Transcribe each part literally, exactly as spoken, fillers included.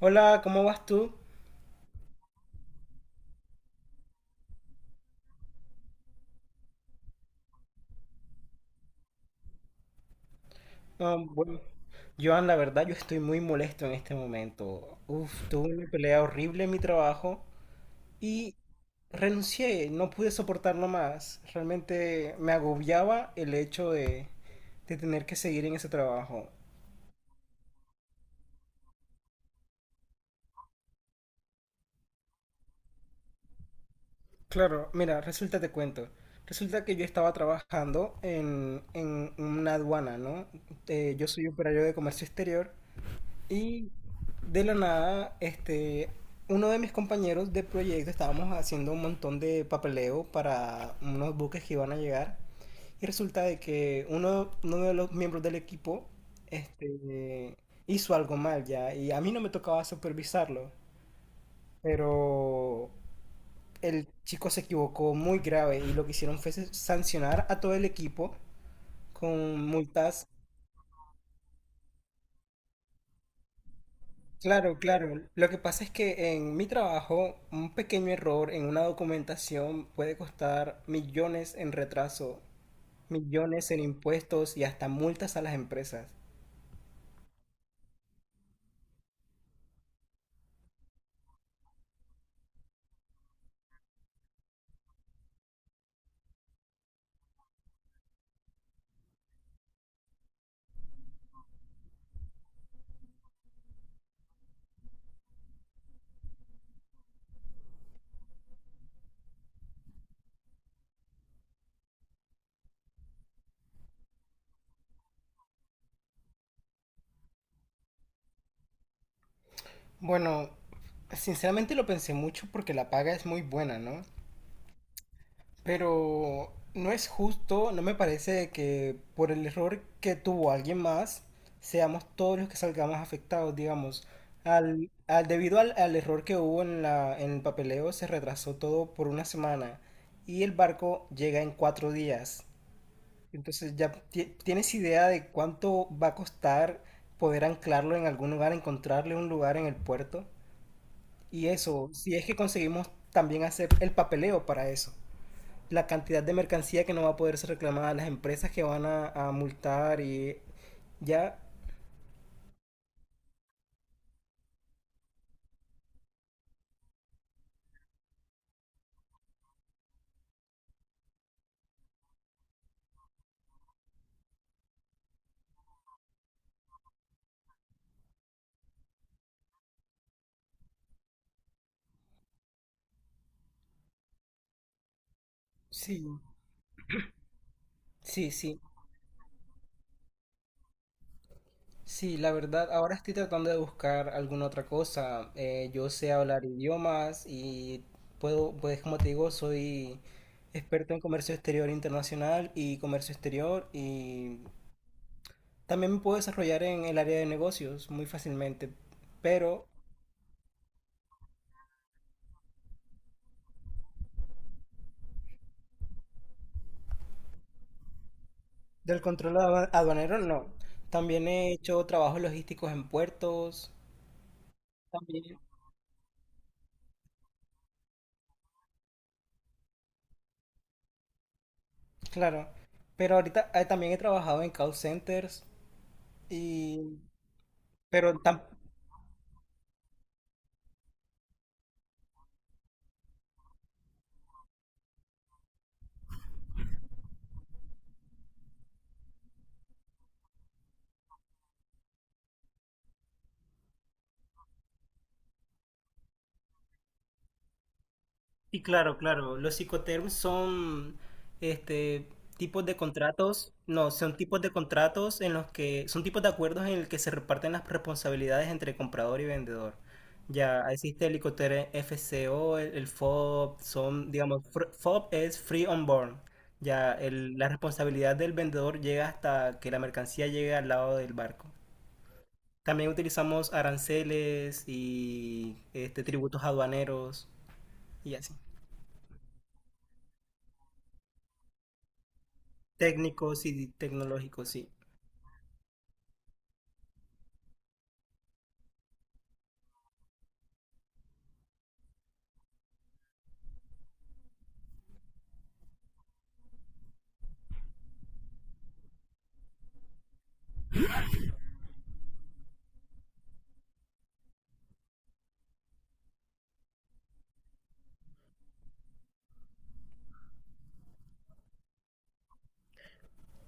Hola, ¿cómo vas tú? Ah, bueno, Joan, la verdad yo estoy muy molesto en este momento. Uf, tuve una pelea horrible en mi trabajo y renuncié, no pude soportarlo más. Realmente me agobiaba el hecho de, de tener que seguir en ese trabajo. Claro, mira, resulta te cuento. Resulta que yo estaba trabajando en, en una aduana, ¿no? Eh, yo soy operario de comercio exterior. Y de la nada, este, uno de mis compañeros de proyecto estábamos haciendo un montón de papeleo para unos buques que iban a llegar. Y resulta de que uno, uno de los miembros del equipo, este, hizo algo mal ya. Y a mí no me tocaba supervisarlo. Pero el chico se equivocó muy grave y lo que hicieron fue sancionar a todo el equipo con multas. Claro, claro. Lo que pasa es que en mi trabajo, un pequeño error en una documentación puede costar millones en retraso, millones en impuestos y hasta multas a las empresas. Bueno, sinceramente lo pensé mucho porque la paga es muy buena, ¿no? Pero no es justo, no me parece que por el error que tuvo alguien más, seamos todos los que salgamos afectados, digamos. Al, al- debido al, al error que hubo en la, en el papeleo, se retrasó todo por una semana y el barco llega en cuatro días. Entonces ya ti- tienes idea de cuánto va a costar poder anclarlo en algún lugar, encontrarle un lugar en el puerto. Y eso, si es que conseguimos también hacer el papeleo para eso, la cantidad de mercancía que no va a poder ser reclamada, las empresas que van a, a multar y ya, sí, sí, sí, sí, la verdad, ahora estoy tratando de buscar alguna otra cosa. Eh, yo sé hablar idiomas y puedo, pues como te digo, soy experto en comercio exterior internacional y comercio exterior y también me puedo desarrollar en el área de negocios muy fácilmente, pero del control adua- aduanero no. También he hecho trabajos logísticos en puertos. También, claro. Pero ahorita eh, también he trabajado en call centers y... Pero tam- Y claro, claro, los psicoterms son, este tipos de contratos, no, son tipos de contratos en los que son tipos de acuerdos en el que se reparten las responsabilidades entre comprador y vendedor. Ya existe el Icoterm F C O, el, el F O B, son, digamos, fr- F O B es Free on Board. Ya el- la responsabilidad del vendedor llega hasta que la mercancía llegue al lado del barco. También utilizamos aranceles y, este, tributos aduaneros y así. Técnicos y tecnológicos, sí.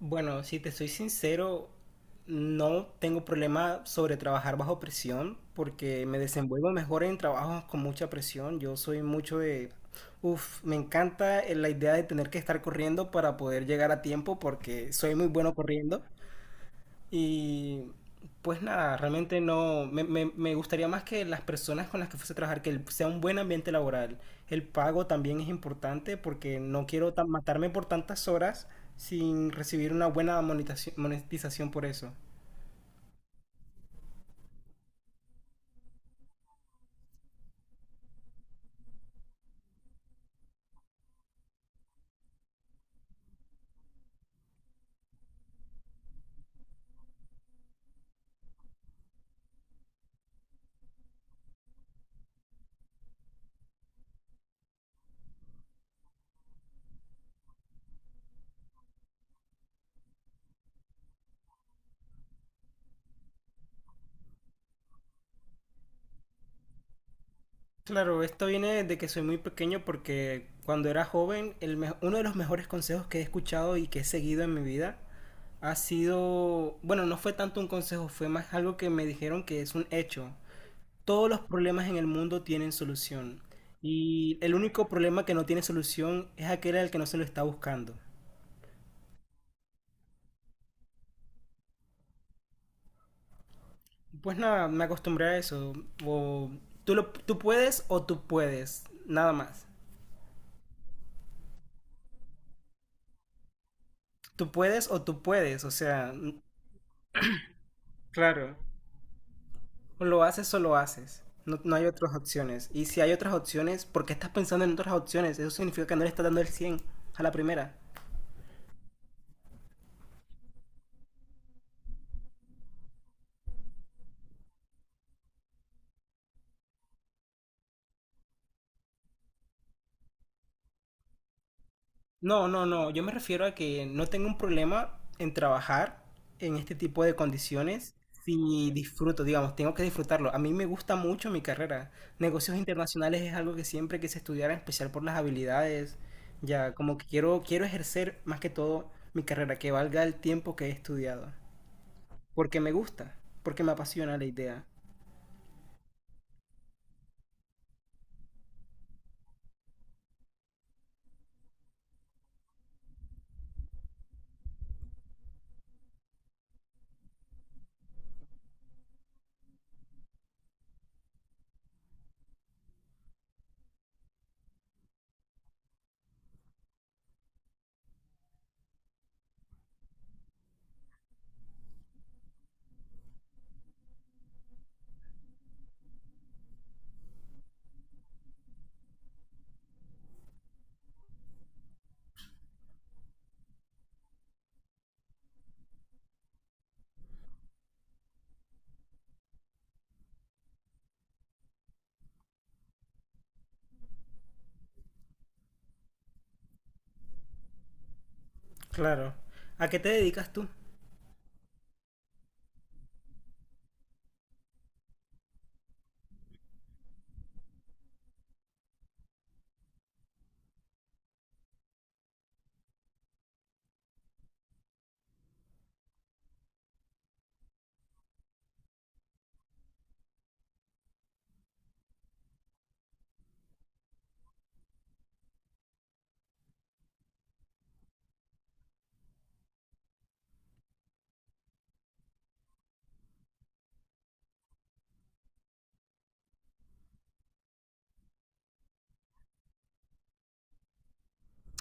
Bueno, si te soy sincero, no tengo problema sobre trabajar bajo presión porque me desenvuelvo mejor en trabajos con mucha presión. Yo soy mucho de... Uf, me encanta eh, la idea de tener que estar corriendo para poder llegar a tiempo porque soy muy bueno corriendo. Y pues nada, realmente no, me, me, me gustaría más que las personas con las que fuese a trabajar, que el- sea un buen ambiente laboral. El pago también es importante porque no quiero tan- matarme por tantas horas sin recibir una buena monetaci- monetización por eso. Claro, esto viene de que soy muy pequeño porque cuando era joven, el me- uno de los mejores consejos que he escuchado y que he seguido en mi vida ha sido, bueno, no fue tanto un consejo, fue más algo que me dijeron que es un hecho. Todos los problemas en el mundo tienen solución. Y el único problema que no tiene solución es aquel al que no se lo está buscando. Pues nada, me acostumbré a eso. O tú, lo, Tú puedes o tú puedes. Nada más. Tú puedes o tú puedes. O sea, claro. O lo haces o lo haces. No, no hay otras opciones. Y si hay otras opciones, ¿por qué estás pensando en otras opciones? Eso significa que no le estás dando el cien a la primera. No, no, no. Yo me refiero a que no tengo un problema en trabajar en este tipo de condiciones si disfruto, digamos, tengo que disfrutarlo. A mí me gusta mucho mi carrera. Negocios internacionales es algo que siempre quise estudiar, en especial por las habilidades. Ya, como que quiero, quiero ejercer más que todo mi carrera, que valga el tiempo que he estudiado. Porque me gusta, porque me apasiona la idea. Claro. ¿A qué te dedicas tú?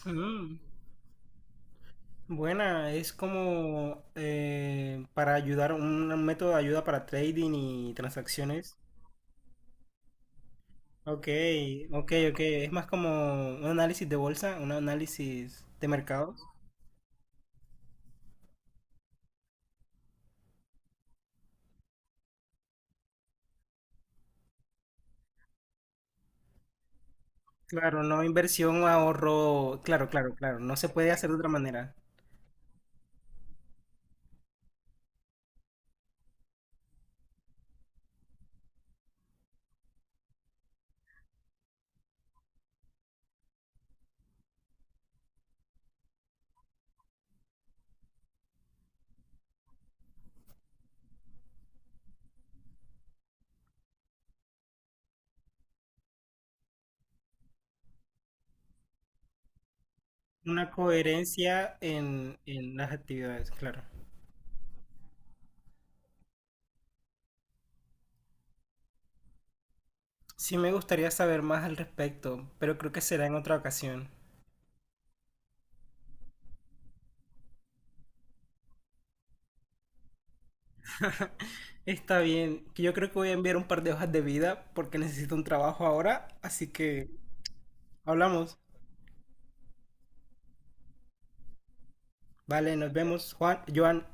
Mm. Buena, es como, eh, para ayudar, un método de ayuda para trading y transacciones. Ok, ok, ok. Es más como un análisis de bolsa, un análisis de mercados. Claro, no inversión, ahorro. Claro, claro, claro. No se puede hacer de otra manera. Una coherencia en, en las actividades, claro. Sí me gustaría saber más al respecto, pero creo que será en otra ocasión. Está bien, que yo creo que voy a enviar un par de hojas de vida porque necesito un trabajo ahora, así que hablamos. Vale, nos vemos, Juan, Joan.